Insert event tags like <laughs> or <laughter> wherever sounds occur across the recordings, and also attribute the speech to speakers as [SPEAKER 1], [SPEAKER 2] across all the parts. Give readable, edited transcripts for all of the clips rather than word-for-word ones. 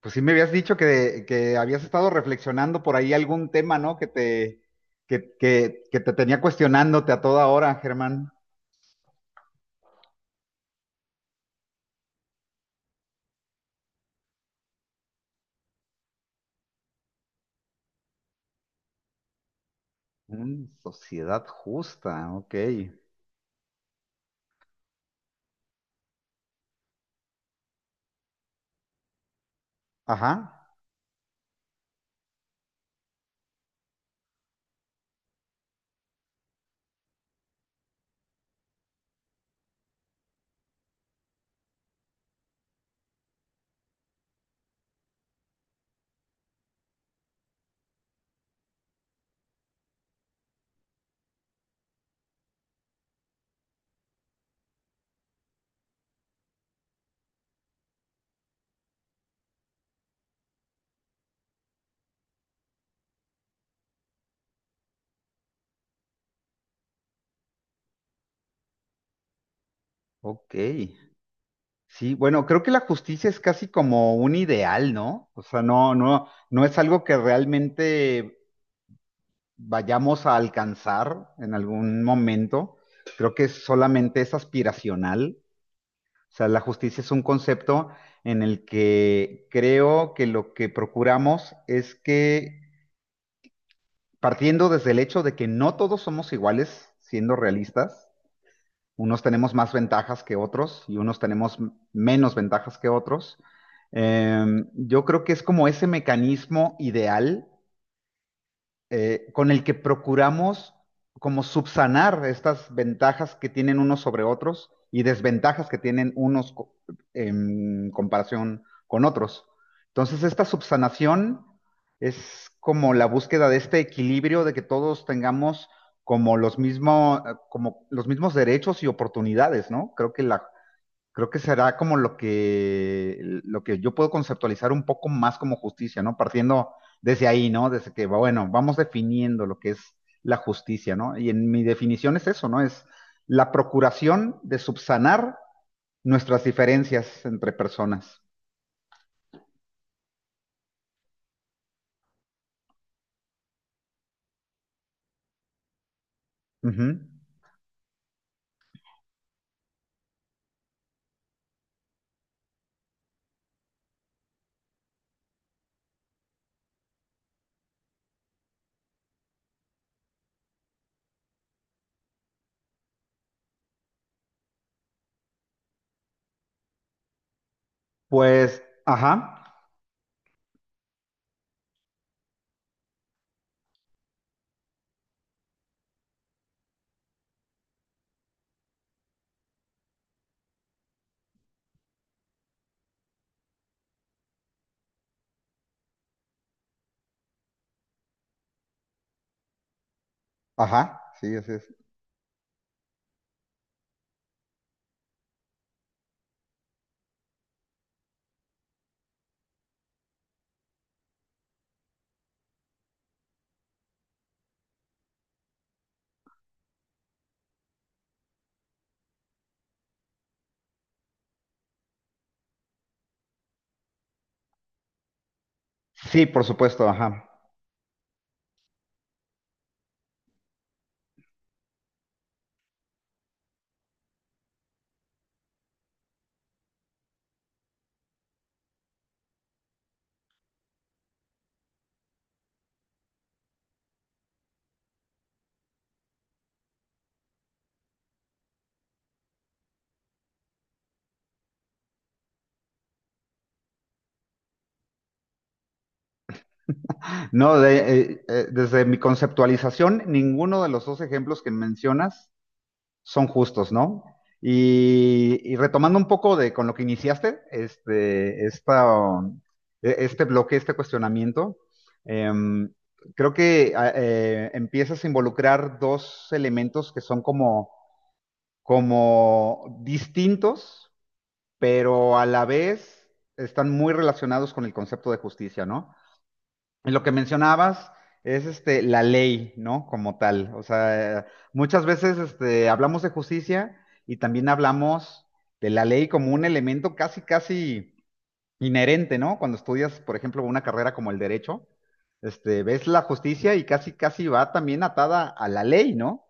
[SPEAKER 1] Pues sí me habías dicho que habías estado reflexionando por ahí algún tema, ¿no? Que te tenía cuestionándote a toda hora, Germán. Mm, sociedad justa, ok. Ajá, ok. Sí, bueno, creo que la justicia es casi como un ideal, ¿no? O sea, no es algo que realmente vayamos a alcanzar en algún momento. Creo que solamente es aspiracional. O sea, la justicia es un concepto en el que creo que lo que procuramos es que, partiendo desde el hecho de que no todos somos iguales, siendo realistas, unos tenemos más ventajas que otros y unos tenemos menos ventajas que otros, eh, yo creo que es como ese mecanismo ideal con el que procuramos como subsanar estas ventajas que tienen unos sobre otros y desventajas que tienen en comparación con otros. Entonces, esta subsanación es como la búsqueda de este equilibrio de que todos tengamos como los mismos, como los mismos derechos y oportunidades, ¿no? Creo que será como lo que yo puedo conceptualizar un poco más como justicia, ¿no? Partiendo desde ahí, ¿no? Desde que, bueno, vamos definiendo lo que es la justicia, ¿no? Y en mi definición es eso, ¿no? Es la procuración de subsanar nuestras diferencias entre personas. Ujú. Pues, ajá, ajá, sí, así es. Sí, por supuesto, ajá. No, de- Desde mi conceptualización, ninguno de los dos ejemplos que mencionas son justos, ¿no? Y retomando un poco de con lo que iniciaste, este bloque, este cuestionamiento, eh, creo que empiezas a involucrar dos elementos que son como, como distintos, pero a la vez están muy relacionados con el concepto de justicia, ¿no? Y lo que mencionabas es este, la ley, ¿no? Como tal. O sea, muchas veces este, hablamos de justicia y también hablamos de la ley como un elemento casi, casi inherente, ¿no? Cuando estudias, por ejemplo, una carrera como el derecho, este, ves la justicia y casi, casi va también atada a la ley, ¿no?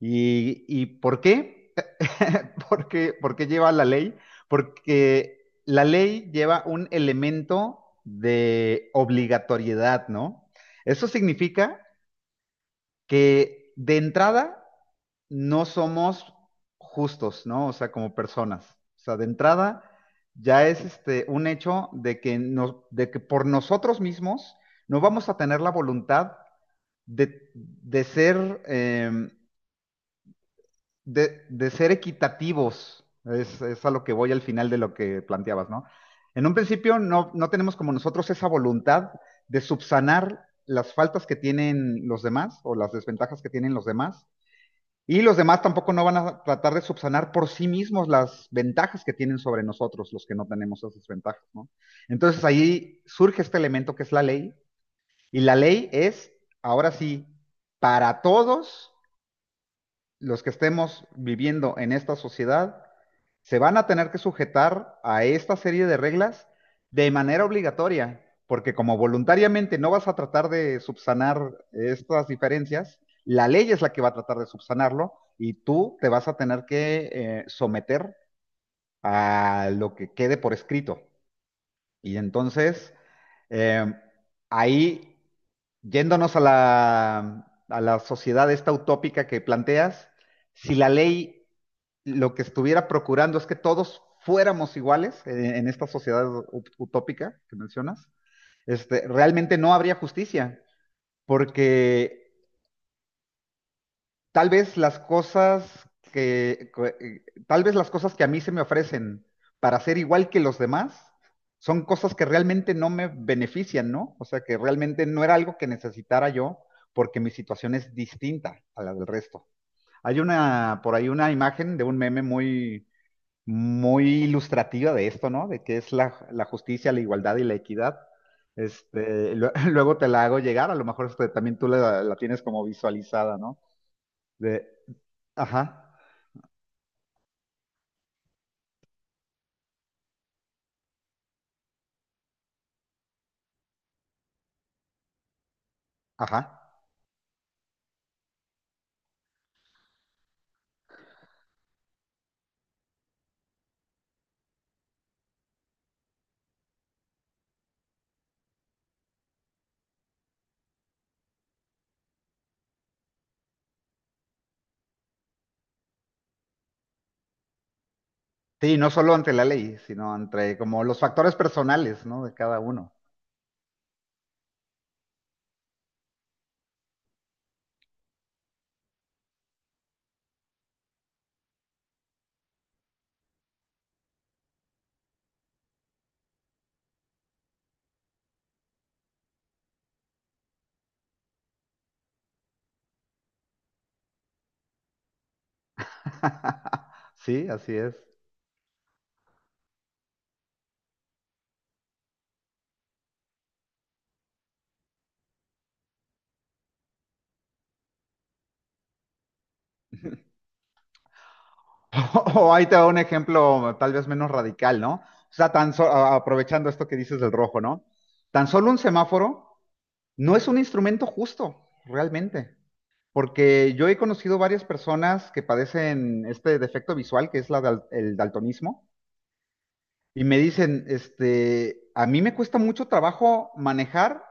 [SPEAKER 1] Y por qué? <laughs> Porque, ¿por qué lleva la ley? Porque la ley lleva un elemento de obligatoriedad, ¿no? Eso significa que de entrada no somos justos, ¿no? O sea, como personas. O sea, de entrada ya es este un hecho de que de que por nosotros mismos no vamos a tener la voluntad de ser de ser equitativos, es a lo que voy al final de lo que planteabas, ¿no? En un principio no tenemos como nosotros esa voluntad de subsanar las faltas que tienen los demás o las desventajas que tienen los demás. Y los demás tampoco no van a tratar de subsanar por sí mismos las ventajas que tienen sobre nosotros, los que no tenemos esas ventajas, ¿no? Entonces ahí surge este elemento que es la ley, y la ley es, ahora sí, para todos los que estemos viviendo en esta sociedad se van a tener que sujetar a esta serie de reglas de manera obligatoria, porque como voluntariamente no vas a tratar de subsanar estas diferencias, la ley es la que va a tratar de subsanarlo y tú te vas a tener que someter a lo que quede por escrito. Y entonces, eh, ahí yéndonos a a la sociedad esta utópica que planteas, si la ley lo que estuviera procurando es que todos fuéramos iguales en esta sociedad utópica que mencionas, este, realmente no habría justicia, porque tal vez las cosas tal vez las cosas que a mí se me ofrecen para ser igual que los demás son cosas que realmente no me benefician, ¿no? O sea, que realmente no era algo que necesitara yo porque mi situación es distinta a la del resto. Hay una, por ahí una imagen de un meme muy, muy ilustrativa de esto, ¿no? De qué es la justicia, la igualdad y la equidad. Este, <laughs> luego te la hago llegar, a lo mejor este, también tú la tienes como visualizada, ¿no? de, Ajá, ajá. Sí, no solo ante la ley, sino entre como los factores personales, ¿no? De cada uno. <laughs> Sí, así es. <laughs> O ahí te da un ejemplo tal vez menos radical, ¿no? O sea, aprovechando esto que dices del rojo, ¿no? Tan solo un semáforo no es un instrumento justo, realmente, porque yo he conocido varias personas que padecen este defecto visual, que es el daltonismo, y me dicen, este, a mí me cuesta mucho trabajo manejar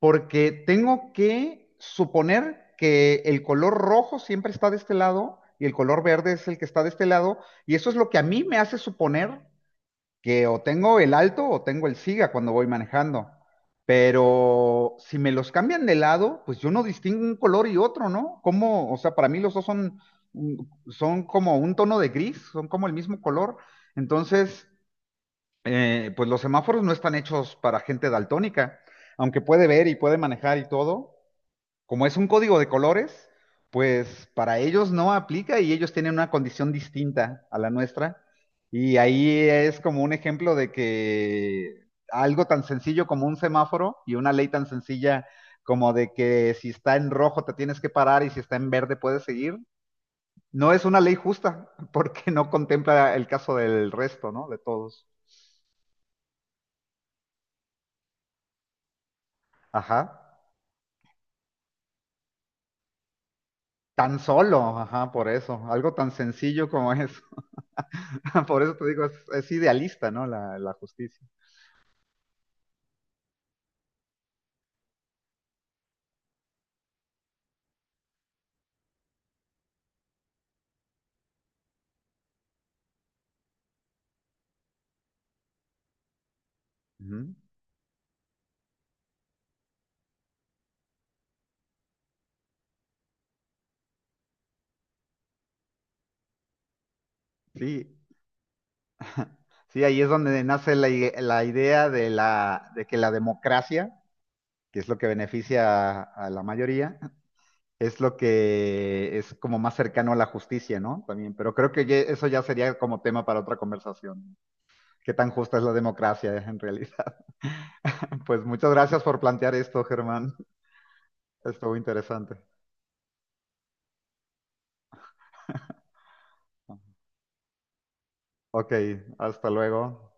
[SPEAKER 1] porque tengo que suponer que el color rojo siempre está de este lado y el color verde es el que está de este lado. Y eso es lo que a mí me hace suponer que o tengo el alto o tengo el siga cuando voy manejando. Pero si me los cambian de lado, pues yo no distingo un color y otro, ¿no? Como, o sea, para mí los dos son, mm, son como un tono de gris, son como el mismo color. Entonces, pues los semáforos no están hechos para gente daltónica, aunque puede ver y puede manejar y todo, como es un código de colores, pues para ellos no aplica y ellos tienen una condición distinta a la nuestra. Y ahí es como un ejemplo de que algo tan sencillo como un semáforo y una ley tan sencilla como de que si está en rojo te tienes que parar y si está en verde puedes seguir, no es una ley justa <laughs> porque no contempla el caso del resto, ¿no? De todos. Ajá. Tan solo, ajá, por eso, algo tan sencillo como eso. <laughs> Por eso te digo, es idealista, ¿no? La justicia. Ujú. Sí, <laughs> sí, ahí es donde nace la idea de la, de que la democracia, que es lo que beneficia a la mayoría, es lo que es como más cercano a la justicia, ¿no? También, pero creo que eso ya sería como tema para otra conversación. ¿Qué tan justa es la democracia en realidad? <laughs> Pues muchas gracias por plantear esto, Germán. Estuvo interesante. Ok, hasta luego.